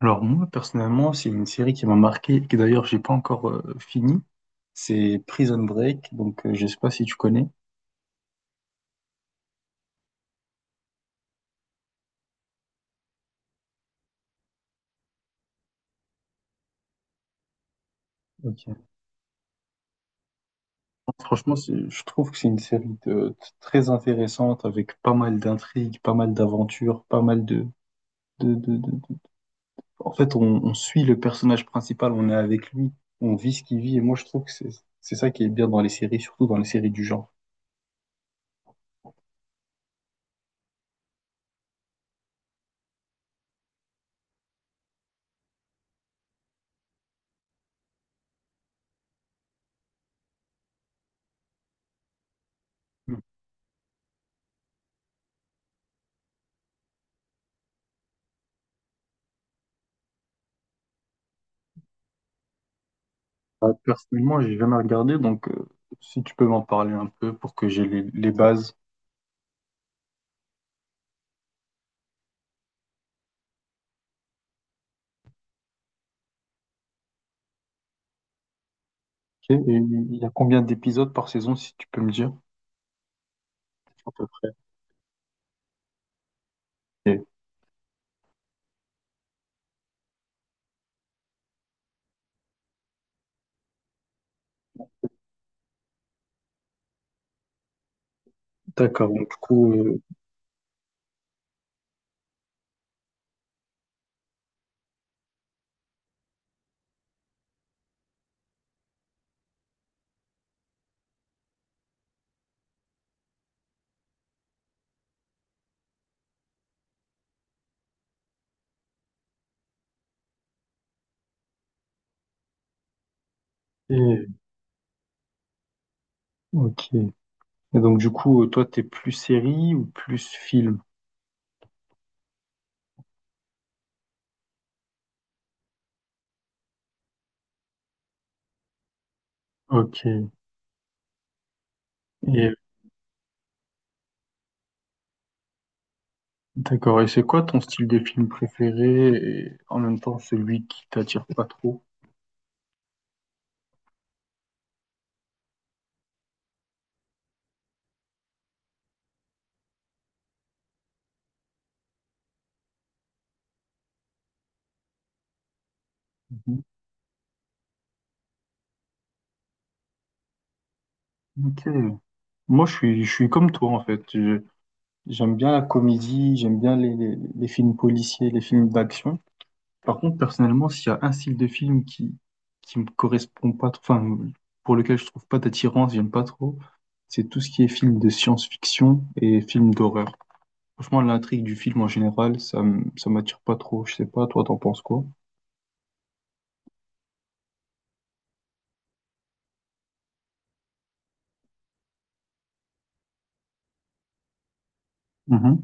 Alors moi personnellement, c'est une série qui m'a marqué et que d'ailleurs j'ai pas encore fini. C'est Prison Break, donc je sais pas si tu connais. Ok. Franchement, je trouve que c'est une série très intéressante avec pas mal d'intrigues, pas mal d'aventures, pas mal de En fait, on suit le personnage principal, on est avec lui, on vit ce qu'il vit et moi je trouve que c'est ça qui est bien dans les séries, surtout dans les séries du genre. Ah, personnellement, j'ai jamais regardé, donc si tu peux m'en parler un peu pour que j'ai les bases. Ok. Et il y a combien d'épisodes par saison, si tu peux me dire? À peu près. Ok. D'accord, donc du coup, et- ok. Et donc du coup, toi, t'es plus série ou plus film? Ok. Et d'accord. Et c'est quoi ton style de film préféré et en même temps celui qui t'attire pas trop? Mhm. Ok. Moi, je suis comme toi, en fait. J'aime bien la comédie, j'aime bien les films policiers, les films d'action. Par contre, personnellement, s'il y a un style de film qui me correspond pas, enfin, pour lequel je trouve pas d'attirance, j'aime pas trop, c'est tout ce qui est film de science-fiction et film d'horreur. Franchement, l'intrigue du film en général, ça, ça m'attire pas trop. Je sais pas, toi, t'en penses quoi? Mhm.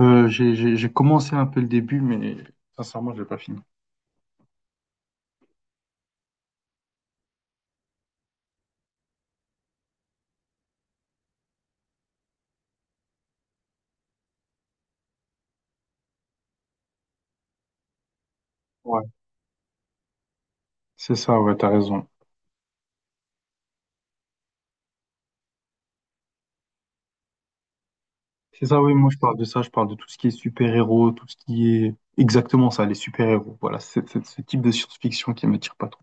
J'ai commencé un peu le début, mais sincèrement, je l'ai pas fini. Ouais. C'est ça, ouais, t'as raison. C'est ça, oui, moi je parle de ça, je parle de tout ce qui est super-héros, tout ce qui est... Exactement ça, les super-héros. Voilà, c'est ce type de science-fiction qui m'attire pas trop.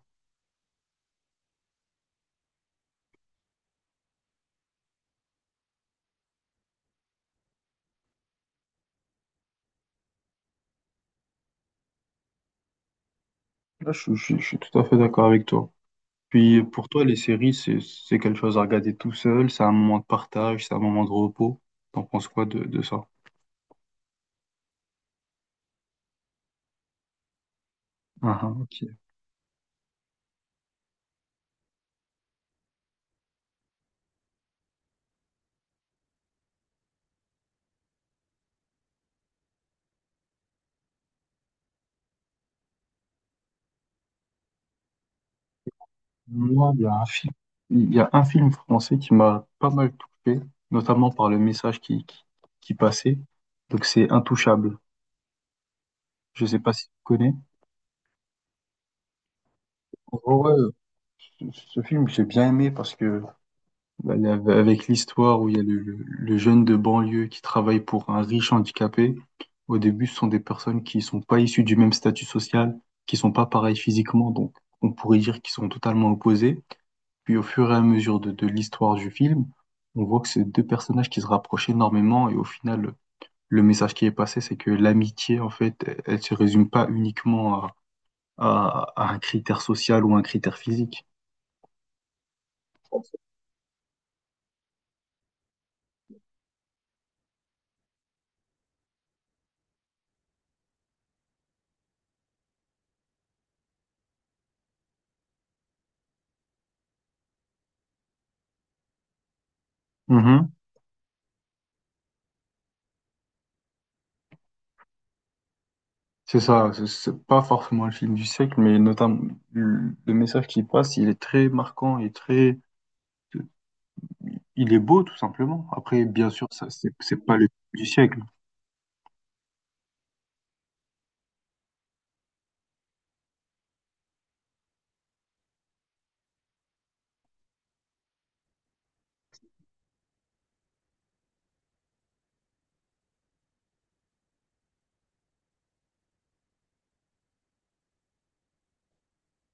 Là, je suis tout à fait d'accord avec toi. Puis pour toi, les séries, c'est quelque chose à regarder tout seul, c'est un moment de partage, c'est un moment de repos. T'en penses quoi de ça? Ah, ah, ok. Moi, il y a un film français qui m'a pas mal touché, notamment par le message qui passait. Donc c'est Intouchable. Je sais pas si tu connais. Ouais, ce film, j'ai bien aimé parce que bah, il avec l'histoire où il y a le jeune de banlieue qui travaille pour un riche handicapé, au début, ce sont des personnes qui sont pas issues du même statut social, qui sont pas pareilles physiquement, donc on pourrait dire qu'ils sont totalement opposés. Puis au fur et à mesure de l'histoire du film, on voit que c'est deux personnages qui se rapprochent énormément et au final, le message qui est passé, c'est que l'amitié, en fait, elle, elle se résume pas uniquement à, à un critère social ou un critère physique. C'est ça, c'est pas forcément le film du siècle, mais notamment le message qui passe, il est très marquant et très, il est beau tout simplement. Après, bien sûr, ça c'est pas le film du siècle.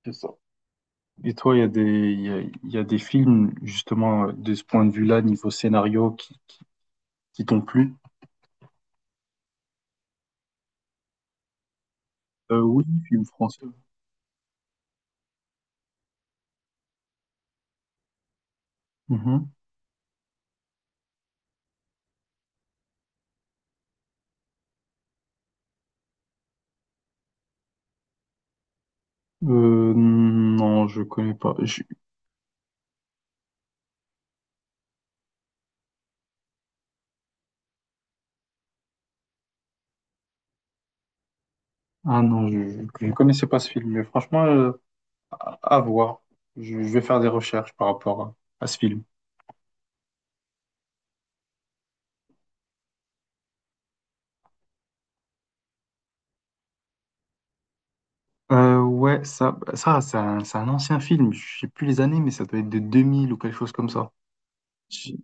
C'est ça. Et toi, il y a des il y a des films justement de ce point de vue-là, niveau scénario, qui t'ont plu? Oui, film français. Mhm. Non, je connais pas. Ah non, je ne connaissais pas ce film, mais franchement, à voir. Je vais faire des recherches par rapport à ce film. Ouais, ça, bah, ça c'est un ancien film, je sais plus les années, mais ça doit être de 2000 ou quelque chose comme ça. J'ai-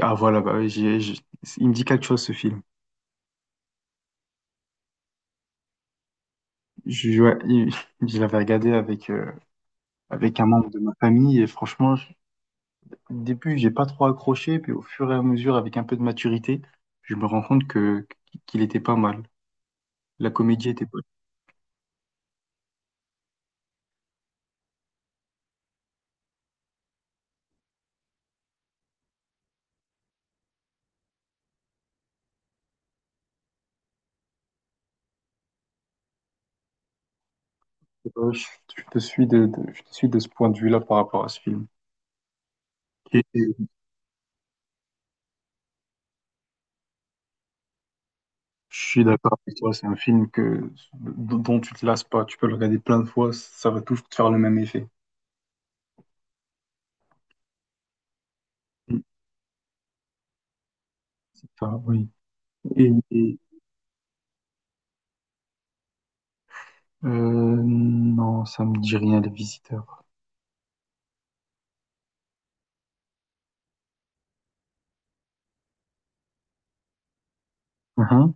Ah voilà, bah oui, il me dit quelque chose ce film. Ouais, je l'avais regardé avec un membre de ma famille et franchement, au début, j'ai pas trop accroché, puis au fur et à mesure, avec un peu de maturité, je me rends compte que qu'il était pas mal. La comédie était pas... Je, je te suis de ce point de vue-là par rapport à ce film. Je suis d'accord avec toi, c'est un film que, dont tu te lasses pas. Tu peux le regarder plein de fois, ça va toujours te faire le même effet. Mm. Ah, oui. Et, et, euh, non, ça me dit rien, les visiteurs. Hein.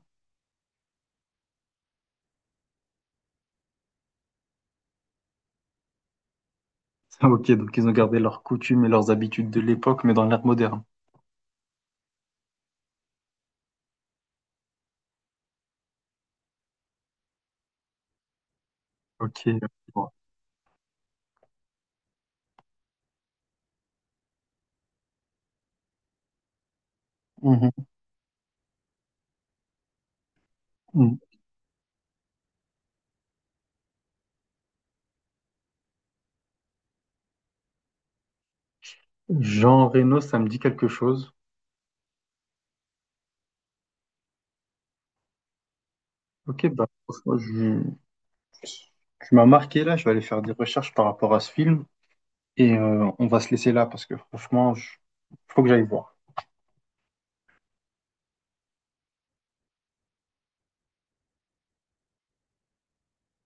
Ah, ok, donc ils ont gardé leurs coutumes et leurs habitudes de l'époque, mais dans l'ère moderne. Ok. Je vois. Mhm. Mm. Jean Reno, ça me dit quelque chose. Ok, bah, moi, tu m'as marqué là, je vais aller faire des recherches par rapport à ce film et on va se laisser là parce que franchement, faut que j'aille voir.